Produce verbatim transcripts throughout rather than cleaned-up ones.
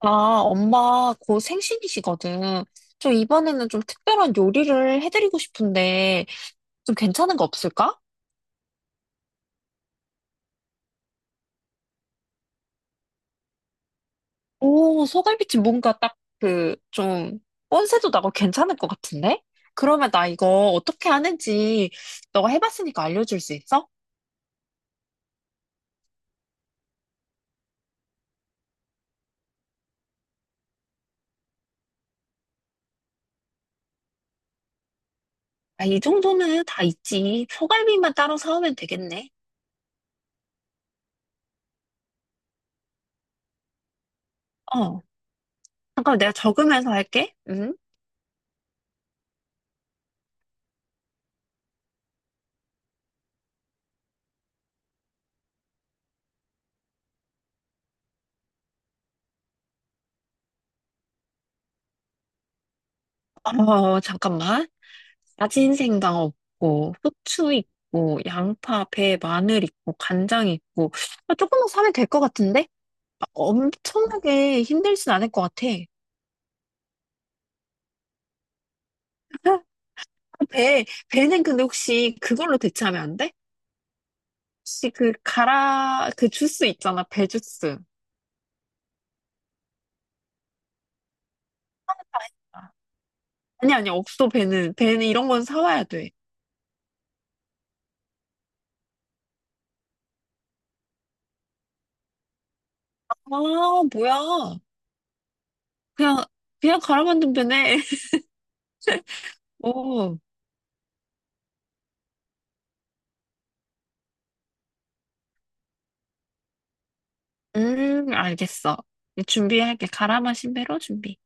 아, 엄마 곧 생신이시거든. 좀 이번에는 좀 특별한 요리를 해드리고 싶은데 좀 괜찮은 거 없을까? 오, 소갈비찜 뭔가 딱 그 좀 뻔세도 나고 괜찮을 것 같은데? 그러면 나 이거 어떻게 하는지 너가 해봤으니까 알려줄 수 있어? 아, 이 정도는 다 있지. 소갈비만 따로 사오면 되겠네. 어, 잠깐 만 내가 적으면서 할게. 응? 어, 잠깐만. 야진생강 없고 후추 있고 양파, 배, 마늘 있고 간장 있고 아, 조금만 사면 될 것 같은데? 아, 엄청나게 힘들진 않을 것 같아. 아, 배, 배는 근데 혹시 그걸로 대체하면 안 돼? 혹시 그 가라 그 주스 있잖아 배 주스. 아, 아니 아니 없어 배는 배는 이런 건 사와야 돼. 아, 뭐야. 그냥 그냥 갈아 만든 배네. 오, 음 알겠어. 준비할게. 갈아 마신 배로 준비.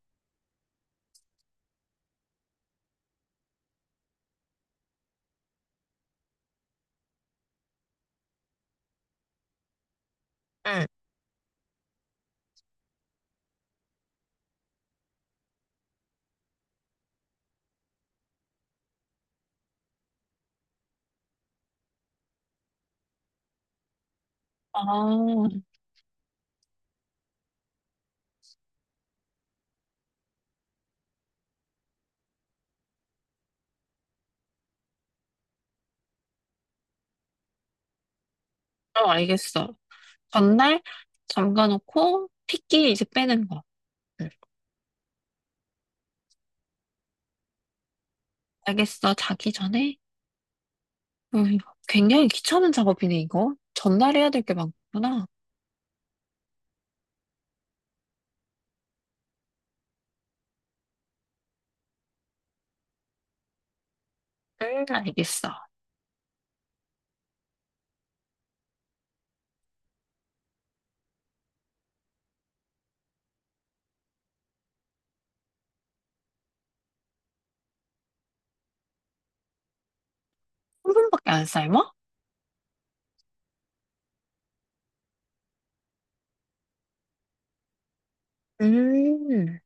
응. 아, 어, 알겠어. 전날 잠가놓고 핏기 이제 빼는 거. 응. 알겠어. 자기 전에. 음, 이거 굉장히 귀찮은 작업이네, 이거. 전날 해야 될 게 많구나. 응, 알겠어. 한 분밖에 안 삶아? 음,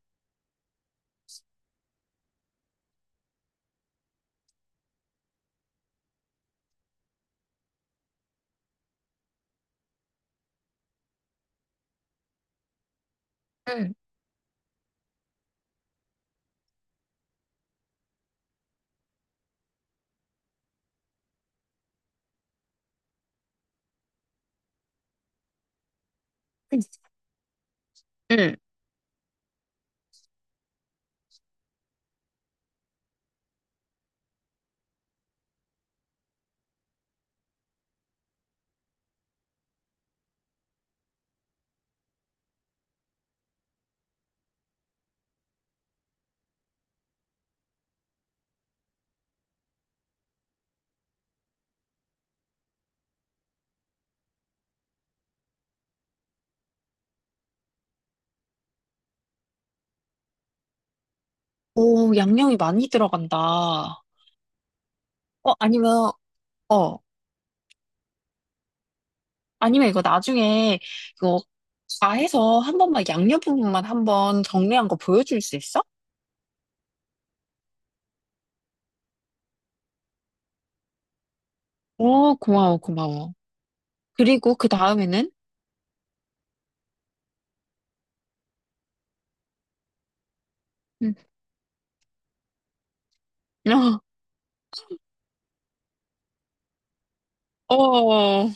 응, 응. 오, 양념이 많이 들어간다. 어, 아니면, 어, 아니면 이거 나중에 이거 다 해서 한 번만 양념 부분만 한번 정리한 거 보여줄 수 있어? 오, 고마워, 고마워. 그리고 그 다음에는? 어, 어, 어.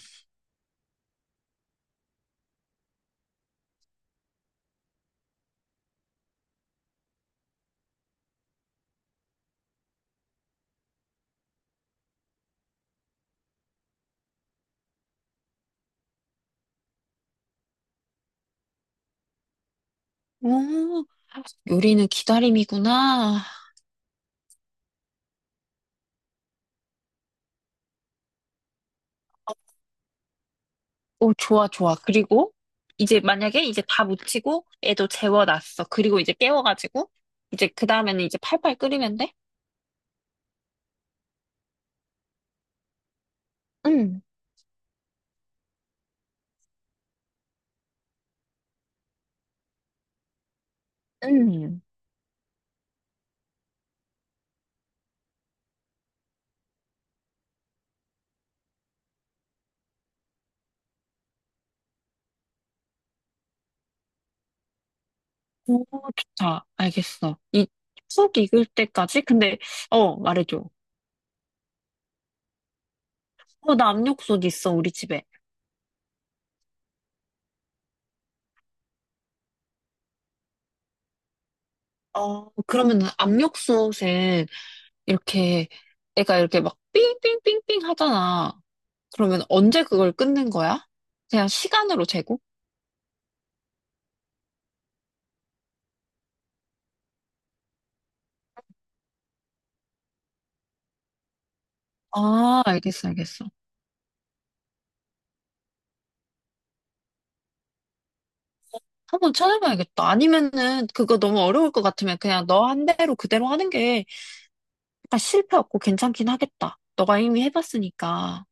요리는 기다림이구나. 오, 좋아, 좋아. 그리고 이제 만약에 이제 다 무치고 애도 재워놨어. 그리고 이제 깨워가지고 이제 그 다음에는 이제 팔팔 끓이면 돼? 응, 응. 오, 좋다. 알겠어. 이 푹 익을 때까지? 근데, 어, 말해줘. 어, 나 압력솥 있어, 우리 집에. 어, 그러면 압력솥에 이렇게 애가 이렇게 막 삥삥삥삥 하잖아. 그러면 언제 그걸 끝낸 거야? 그냥 시간으로 재고? 아, 알겠어, 알겠어. 한번 찾아봐야겠다. 아니면은 그거 너무 어려울 것 같으면 그냥 너 한 대로 그대로 하는 게 약간 실패 없고 괜찮긴 하겠다. 너가 이미 해봤으니까.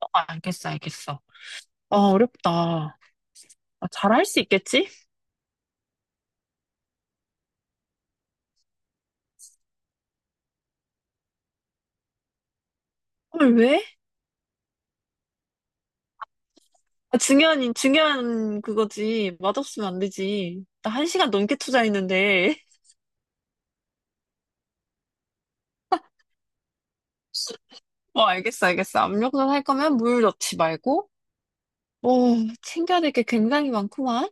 어, 알겠어, 알겠어. 아, 어렵다. 아, 잘할 수 있겠지? 헐, 왜? 아, 중요한, 인- 중요한 그거지. 맛없으면 안 되지. 나 한 시간 넘게 투자했는데. 뭐, 알겠어, 알겠어. 압력솥 할 거면 물 넣지 말고. 오, 챙겨야 될 게 굉장히 많구만.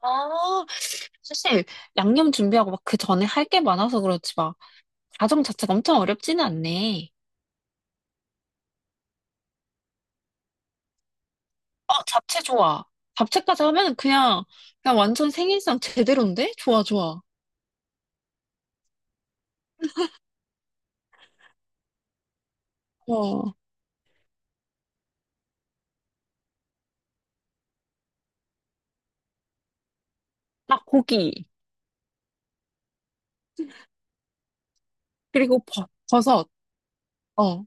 아, 사실 양념 준비하고 막 그 전에 할 게 많아서 그렇지 막 과정 자체가 엄청 어렵지는 않네. 어, 잡채 좋아. 잡채까지 하면 그냥 그냥 완전 생일상 제대로인데? 좋아, 좋아. 어, 딱 고기. 그리고 버, 버섯. 어, 어?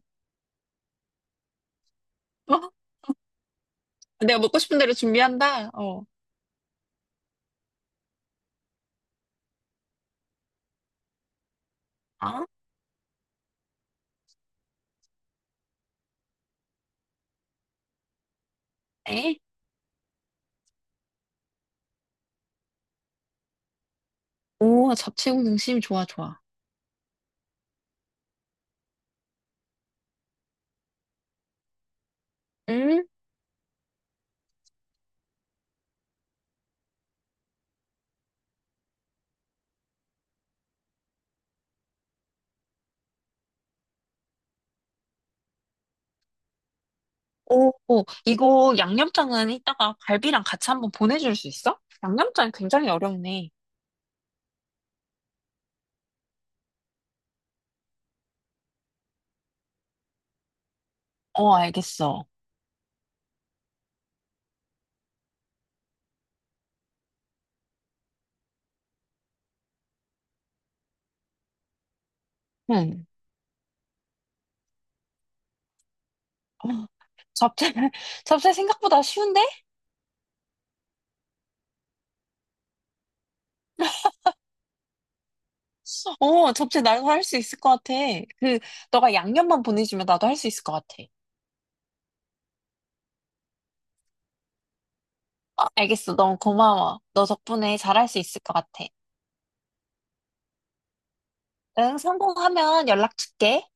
내가 먹고 싶은 대로 준비한다. 어, 아, 네. 오, 잡채 공등심 좋아, 좋아. 음. 오, 오, 이거 양념장은 이따가 갈비랑 같이 한번 보내줄 수 있어? 양념장 굉장히 어렵네. 어, 알겠어. 응. 어, 잡채, 잡채 생각보다 쉬운데? 어, 잡채 나도 할 수 있을 것 같아. 그, 너가 양념만 보내주면 나도 할 수 있을 것 같아. 어, 알겠어. 너무 고마워. 너 덕분에 잘할 수 있을 것 같아. 응, 성공하면 연락 줄게.